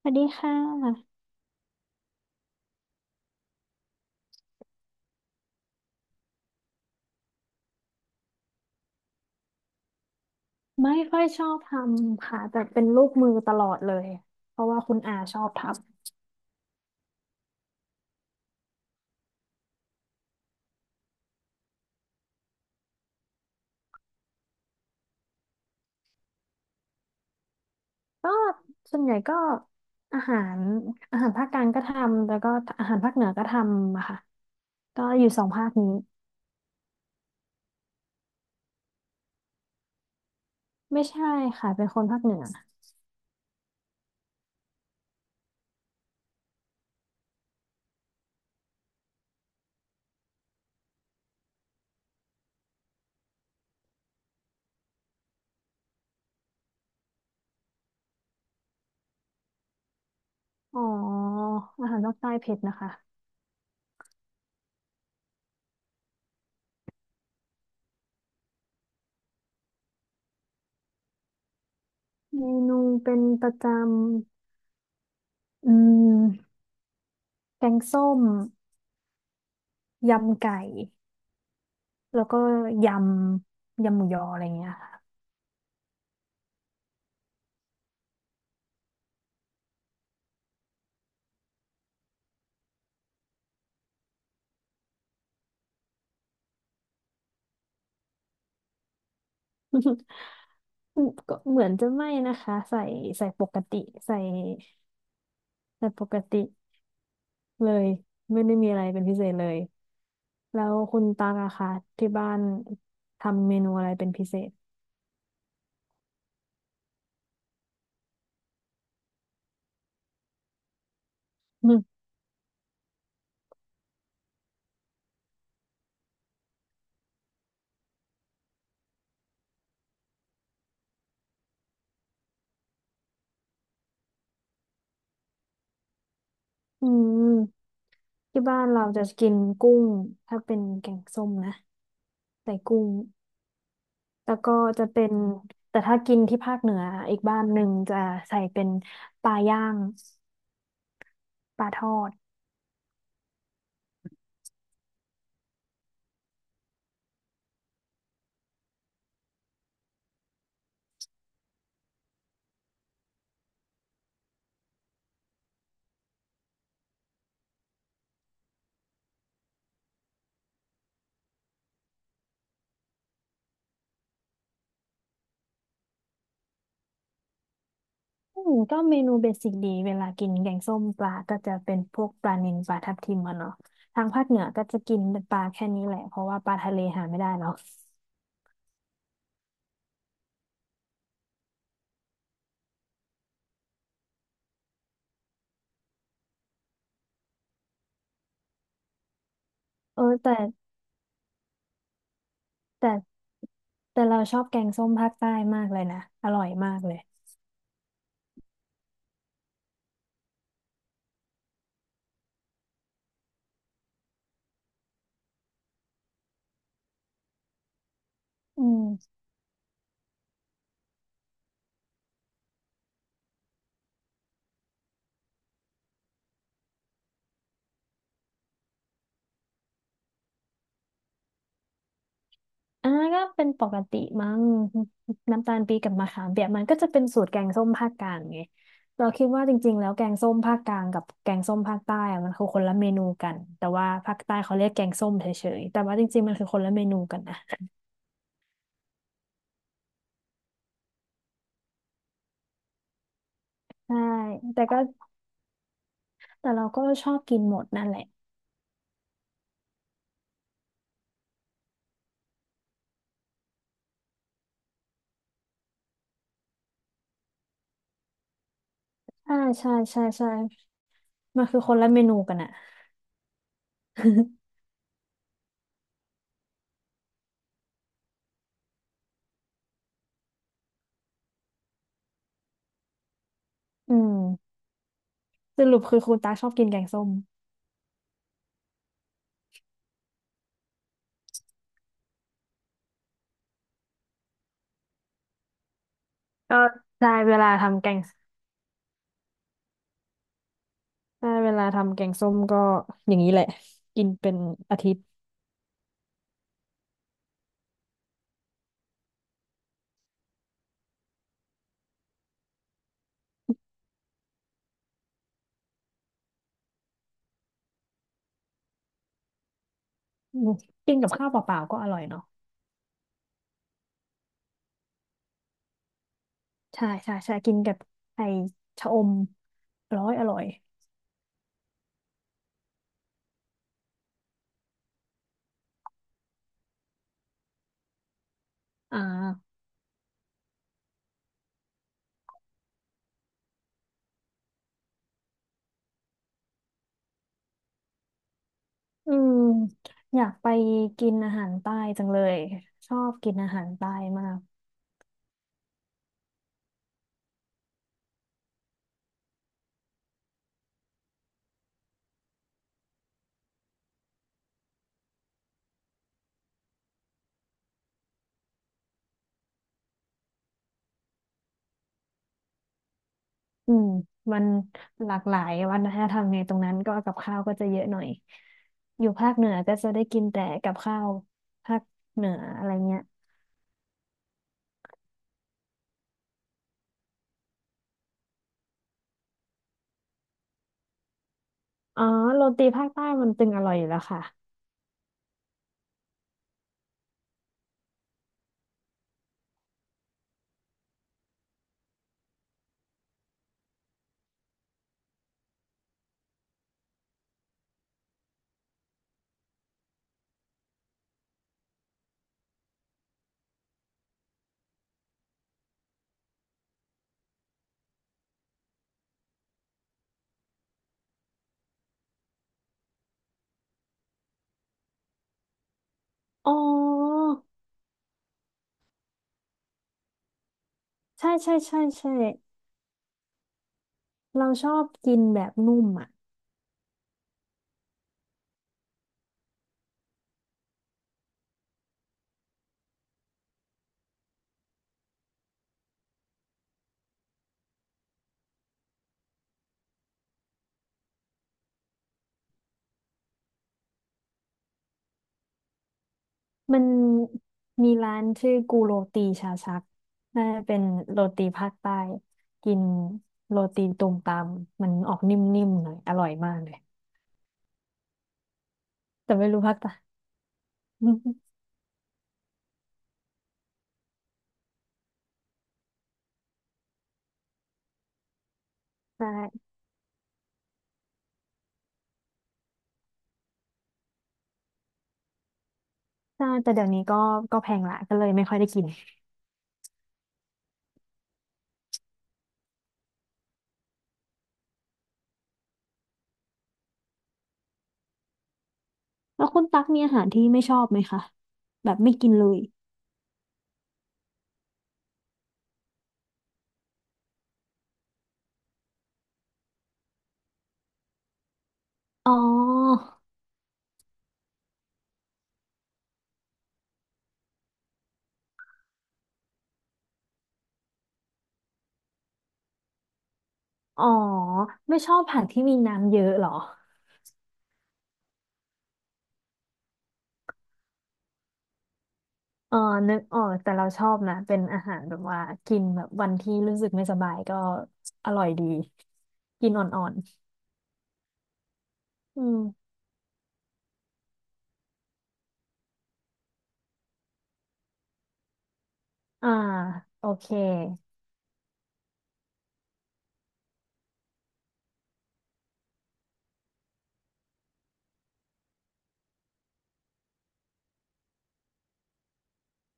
สวัสดีค่ะไม่ค่อยชอบทำค่ะแต่เป็นลูกมือตลอดเลยเพราะว่าคุณอาชอบทำก็ส่วนใหญ่ก็อาหารอาหารภาคกลางก็ทำแล้วก็อาหารภาคเหนือก็ทำอะค่ะก็อยู่สองภาคนี้ไม่ใช่ค่ะเป็นคนภาคเหนืออ๋ออาหารภาคใต้เผ็ดนะคะเมนูเป็นประจำแกงส้มยำไก่แล้วก็ยยำหมูยออะไรเงี้ย ก็เหมือนจะไม่นะคะใส่ปกติใส่ใส่ปกติเลยไม่ได้มีอะไรเป็นพิเศษเลยแล้วคุณตาง่ะคะที่บ้านทำเมนูอะไรเป็นพิเศษอืม อืมที่บ้านเราจะกินกุ้งถ้าเป็นแกงส้มนะใส่กุ้งแล้วก็จะเป็นแต่ถ้ากินที่ภาคเหนืออีกบ้านหนึ่งจะใส่เป็นปลาย่างปลาทอด อืมก็เมนูเบสิกดีเวลากินแกงส้มปลาก็จะเป็นพวกปลานิลปลาทับทิมอะเนาะทางภาคเหนือก็จะกินเป็นปลาแค่นี้แหละเพราะว่าปลาทะเลหาไม่ได้เนาะเออแต่แต่เราชอบแกงส้มภาคใต้มากเลยนะอร่อยมากเลยอืมอันก็เป็นปกติมั้งน้ำตาลปี๊บกับมะขามเปียกมันก็จะเป็นสูตรแกงส้มภาคกลางไงเราคิดว่าจริงๆแล้วแกงส้มภาคกลางกับแกงส้มภาคใต้อะมันคือคนละเมนูกันแต่ว่าภาคใต้เขาเรียกแกงส้มเฉยๆแต่ว่าจริงๆมันคือคนละเมนูกันนะ ใช่แต่ก็แต่เราก็ชอบกินหมดนั่นแหละใช่ใช่ใช่ใช่มันคือคนละเมนูกันอะ อืมสรุปคือคุณตาชอบกินแกงส้มก็ใช่เวลาทำแกงใช่เวลาทำแกงส้มก็อย่างนี้แหละกินเป็นอาทิตย์อืมกินกับข้าวเปล่าๆก็อร่อยเนาะใช่ใช่ใช่กินกับไข่ชะอมอร้อยอร่อยอ่าอืมอยากไปกินอาหารใต้จังเลย ชอบกินอาหารใต้มาก อืมมันหลากหลายวัฒนธรรมไงตรงนั้นก็กับข้าวก็จะเยอะหน่อยอยู่ภาคเหนือก็จะได้กินแต่กับข้าวภาคเหนืออะไรเงี้ยอ๋อโรตีภาคใต้มันตึงอร่อยอยู่แล้วค่ะอ๋อใช่ใช่ใช่ใช่เราชอบกินแบบนุ่มอ่ะมันมีร้านชื่อกูโรตีชาชักน่าจะเป็นโรตีภาคใต้กินโรตีตูมตามมันออกนิ่มๆหน่อยอร่อยมากเลยแต่ไม่รู้ภาคใต้ ใช่ ใช่แต่เดี๋ยวนี้ก็ก็แพงละก็เลยไม่ค่อยได้กินแล้วคุณตั๊กมีอาหารที่ไม่ชอบไหมคะแบบไม่กินเลยอ๋ออ๋อไม่ชอบผักที่มีน้ำเยอะเหรออ๋อนึกออกแต่เราชอบนะเป็นอาหารแบบว่ากินแบบวันที่รู้สึกไม่สบายก็อร่อยดีกินอ่อนๆอ่าโอเค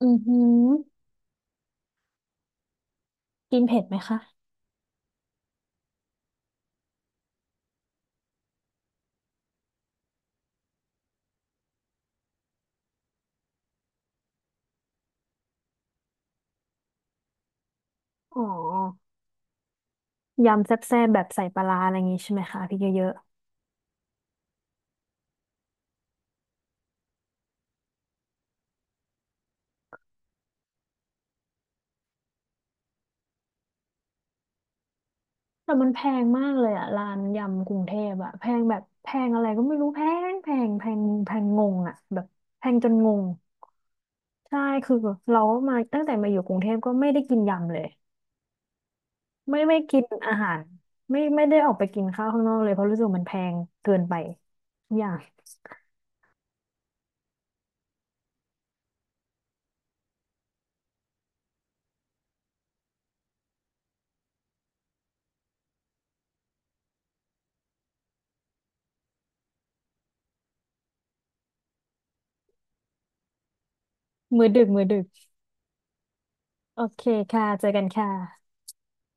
อือหือกินเผ็ดไหมคะอ๋อยำแซ่บๆแบบใส่ปลาร้าอะไรอย่างงี้ใช่ไหมคะพริกเยอะ แต่มันแพงมากเลยอะร้านยำกรุงเทพอะแพงแบบแพงอะไรก็ไม่รู้แพงแพงงงอะแบบแพงจนงงใช่คือเรามาตั้งแต่มาอยู่กรุงเทพก็ไม่ได้กินยำเลยไม่กินอาหารไม่ได้ออกไปกินข้าวข้างนอกเลยเพราะรู้สึกมันแพงเกินไปทุกอย่างมื้อดึกมื้อดึกโอเคค่ะเจอกันค่ะ